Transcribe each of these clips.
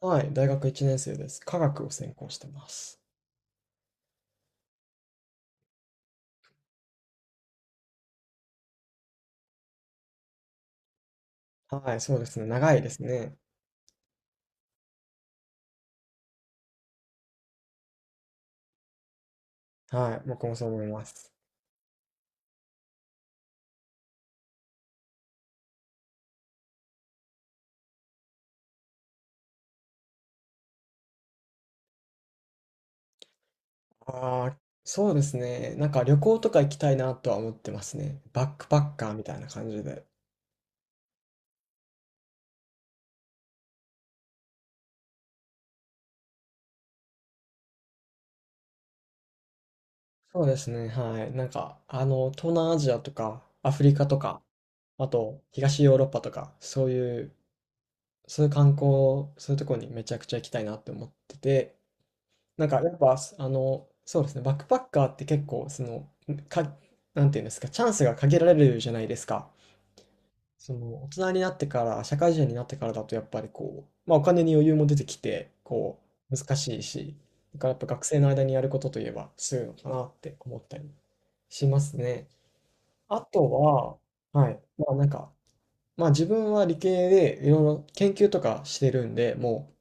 はい、大学1年生です。科学を専攻してます。はい、そうですね。長いですね。はい、僕もそう思います。ああ、そうですね。なんか旅行とか行きたいなとは思ってますね。バックパッカーみたいな感じで。そうですね。はい。なんか、東南アジアとか、アフリカとか、あと、東ヨーロッパとか、そういう観光、そういうところにめちゃくちゃ行きたいなって思ってて、なんかやっぱ、そうですね、バックパッカーって結構、か、なんていうんですか、チャンスが限られるじゃないですか。大人になってから、社会人になってからだと、やっぱりこう、まあ、お金に余裕も出てきて、こう、難しいし、だからやっぱ学生の間にやることといえば、そういうのかなって思ったりしますね。あとは、はい、まあなんか、まあ自分は理系で、いろいろ研究とかしてるんで、も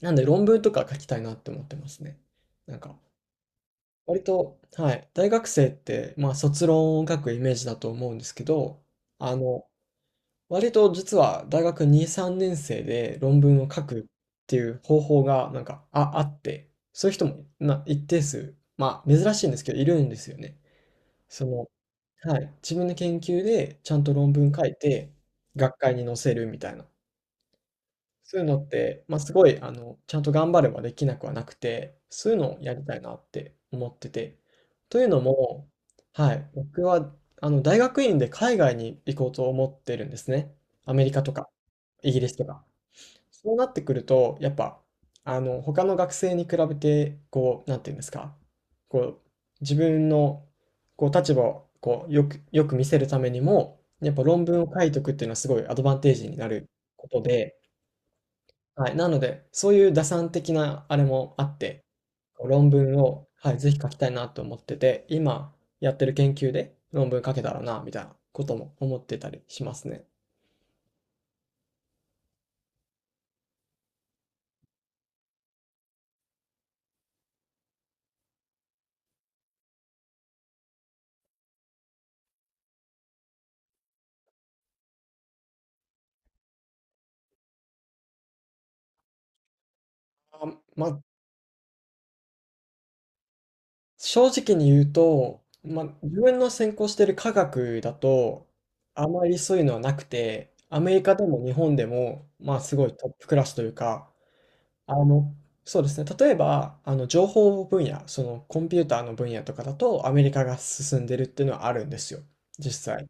う、なんで論文とか書きたいなって思ってますね。なんか、割と、はい、大学生って、まあ、卒論を書くイメージだと思うんですけど、あの、割と実は大学2、3年生で論文を書くっていう方法が、なんか、あって、そういう人も一定数、まあ、珍しいんですけど、いるんですよね。その、はい、自分の研究でちゃんと論文書いて、学会に載せるみたいな。そういうのって、まあ、すごい、ちゃんと頑張ればできなくはなくて、そういうのをやりたいなって思ってて。というのも、はい、僕は、大学院で海外に行こうと思ってるんですね。アメリカとか、イギリスとか。そうなってくると、やっぱ、他の学生に比べて、こう、なんていうんですか、こう、自分の、こう、立場を、こう、よくよく見せるためにも、やっぱ論文を書いとくっていうのはすごいアドバンテージになることで、はい、なので、そういう打算的なあれもあって、こう論文を、はい、ぜひ書きたいなと思ってて、今やってる研究で論文書けたらな、みたいなことも思ってたりしますね。あ、まあ、正直に言うと、まあ、自分の専攻してる科学だと、あまりそういうのはなくて、アメリカでも日本でも、まあ、すごいトップクラスというか、あの、そうですね。例えば、情報分野、そのコンピューターの分野とかだと、アメリカが進んでるっていうのはあるんですよ。実際。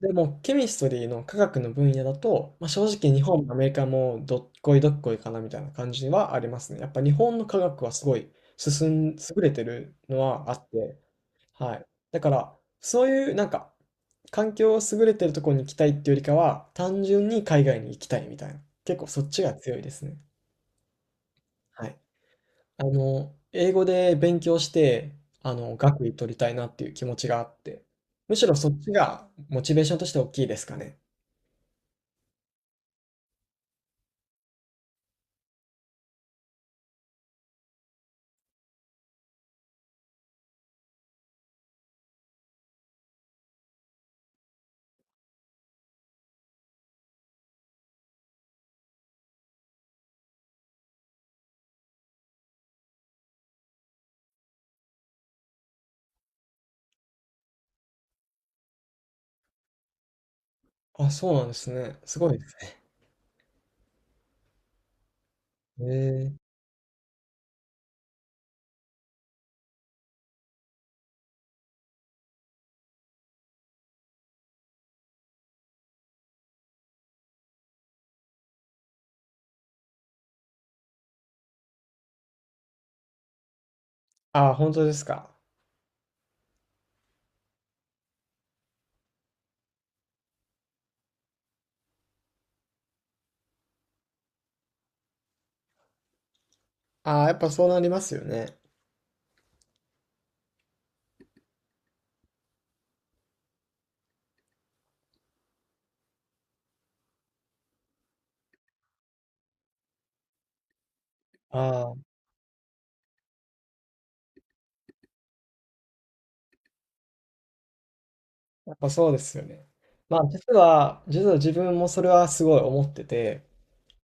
でも、ケミストリーの科学の分野だと、まあ、正直日本もアメリカもどっこいどっこいかなみたいな感じはありますね。やっぱ日本の科学はすごい優れてるのはあって、はい。だから、そういうなんか、環境を優れてるところに行きたいっていうよりかは、単純に海外に行きたいみたいな。結構そっちが強いですね。はい。英語で勉強して、学位取りたいなっていう気持ちがあって、むしろそっちがモチベーションとして大きいですかね。あ、そうなんですね。すごいですね。へえ。あ本当ですか。あやっぱそうなりますよね。ああ、やっぱそうですよね。まあ、実は自分もそれはすごい思ってて、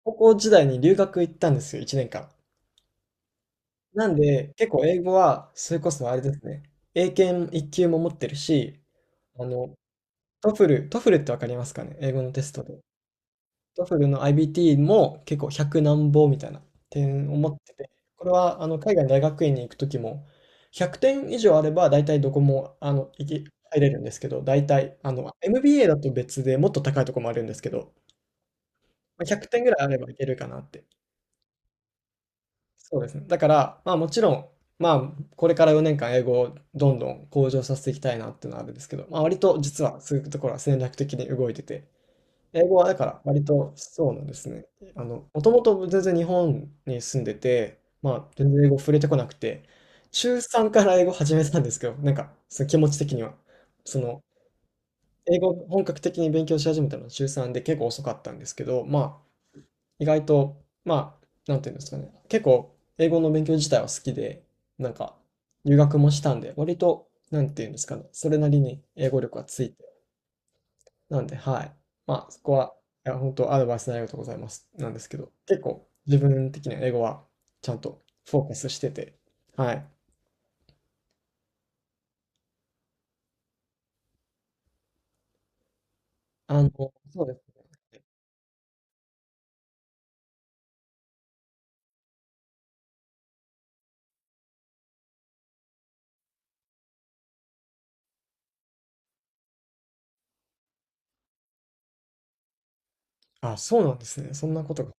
高校時代に留学行ったんですよ、1年間。なんで、結構英語は、それこそあれですね、英検1級も持ってるし、あの、トフルってわかりますかね、英語のテストで。トフルの IBT も結構100何ぼみたいな点を持ってて、これは海外の大学院に行くときも、100点以上あれば大体どこも行け入れるんですけど、大体MBA だと別でもっと高いとこもあるんですけど、まあ100点ぐらいあればいけるかなって。そうですね。だから、まあもちろん、まあこれから4年間英語をどんどん向上させていきたいなっていうのはあるんですけど、まあ割と実はそういうところは戦略的に動いてて、英語はだから割とそうなんですね。もともと全然日本に住んでて、まあ全然英語触れてこなくて、中3から英語始めたんですけど、なんかその気持ち的には。その、英語を本格的に勉強し始めたのは中3で結構遅かったんですけど、まあ意外と、まあ、なんていうんですかね、結構英語の勉強自体は好きで、なんか留学もしたんで、割と、なんていうんですかね、それなりに英語力はついなんで、はい。まあ、そこは、いや、本当アドバイスのありがとうございます。なんですけど、結構自分的には英語はちゃんとフォーカスしてて、はい。あの、そうですね。あ、そうなんですね。そんなことが。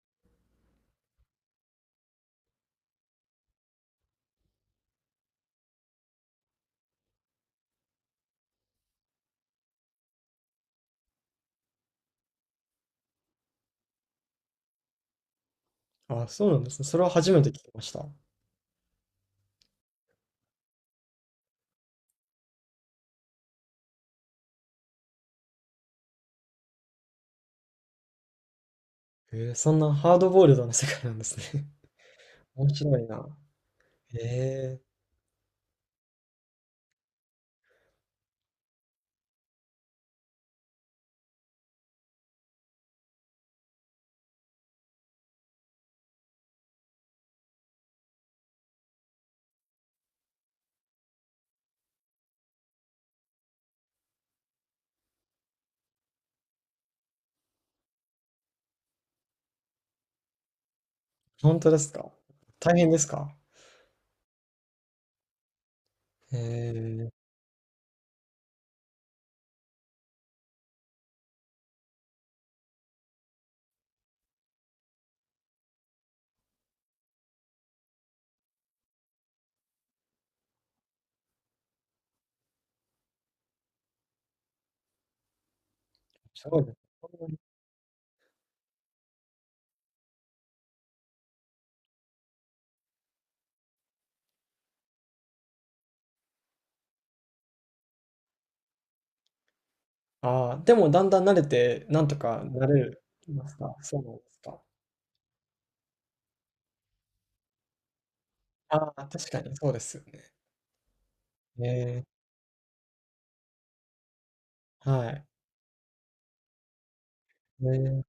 あ、そうなんですね。それは初めて聞きました。へそんなハードボイルドな世界なんですね。面白いな。へー本当ですか。大変ですか。へえー、すごいです。そあーでもだんだん慣れて、なんとかなれますか。そうなんですか。ああ、確かにそうですよね。へえ、はい。へえ、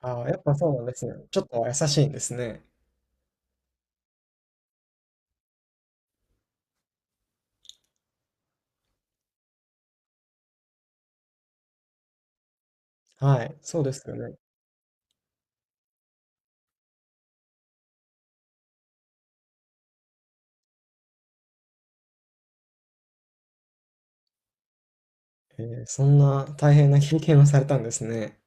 ああ、やっぱそうなんですね。ちょっとは優しいんですね。はい、そうですよね。ええ、そんな大変な経験をされたんですね。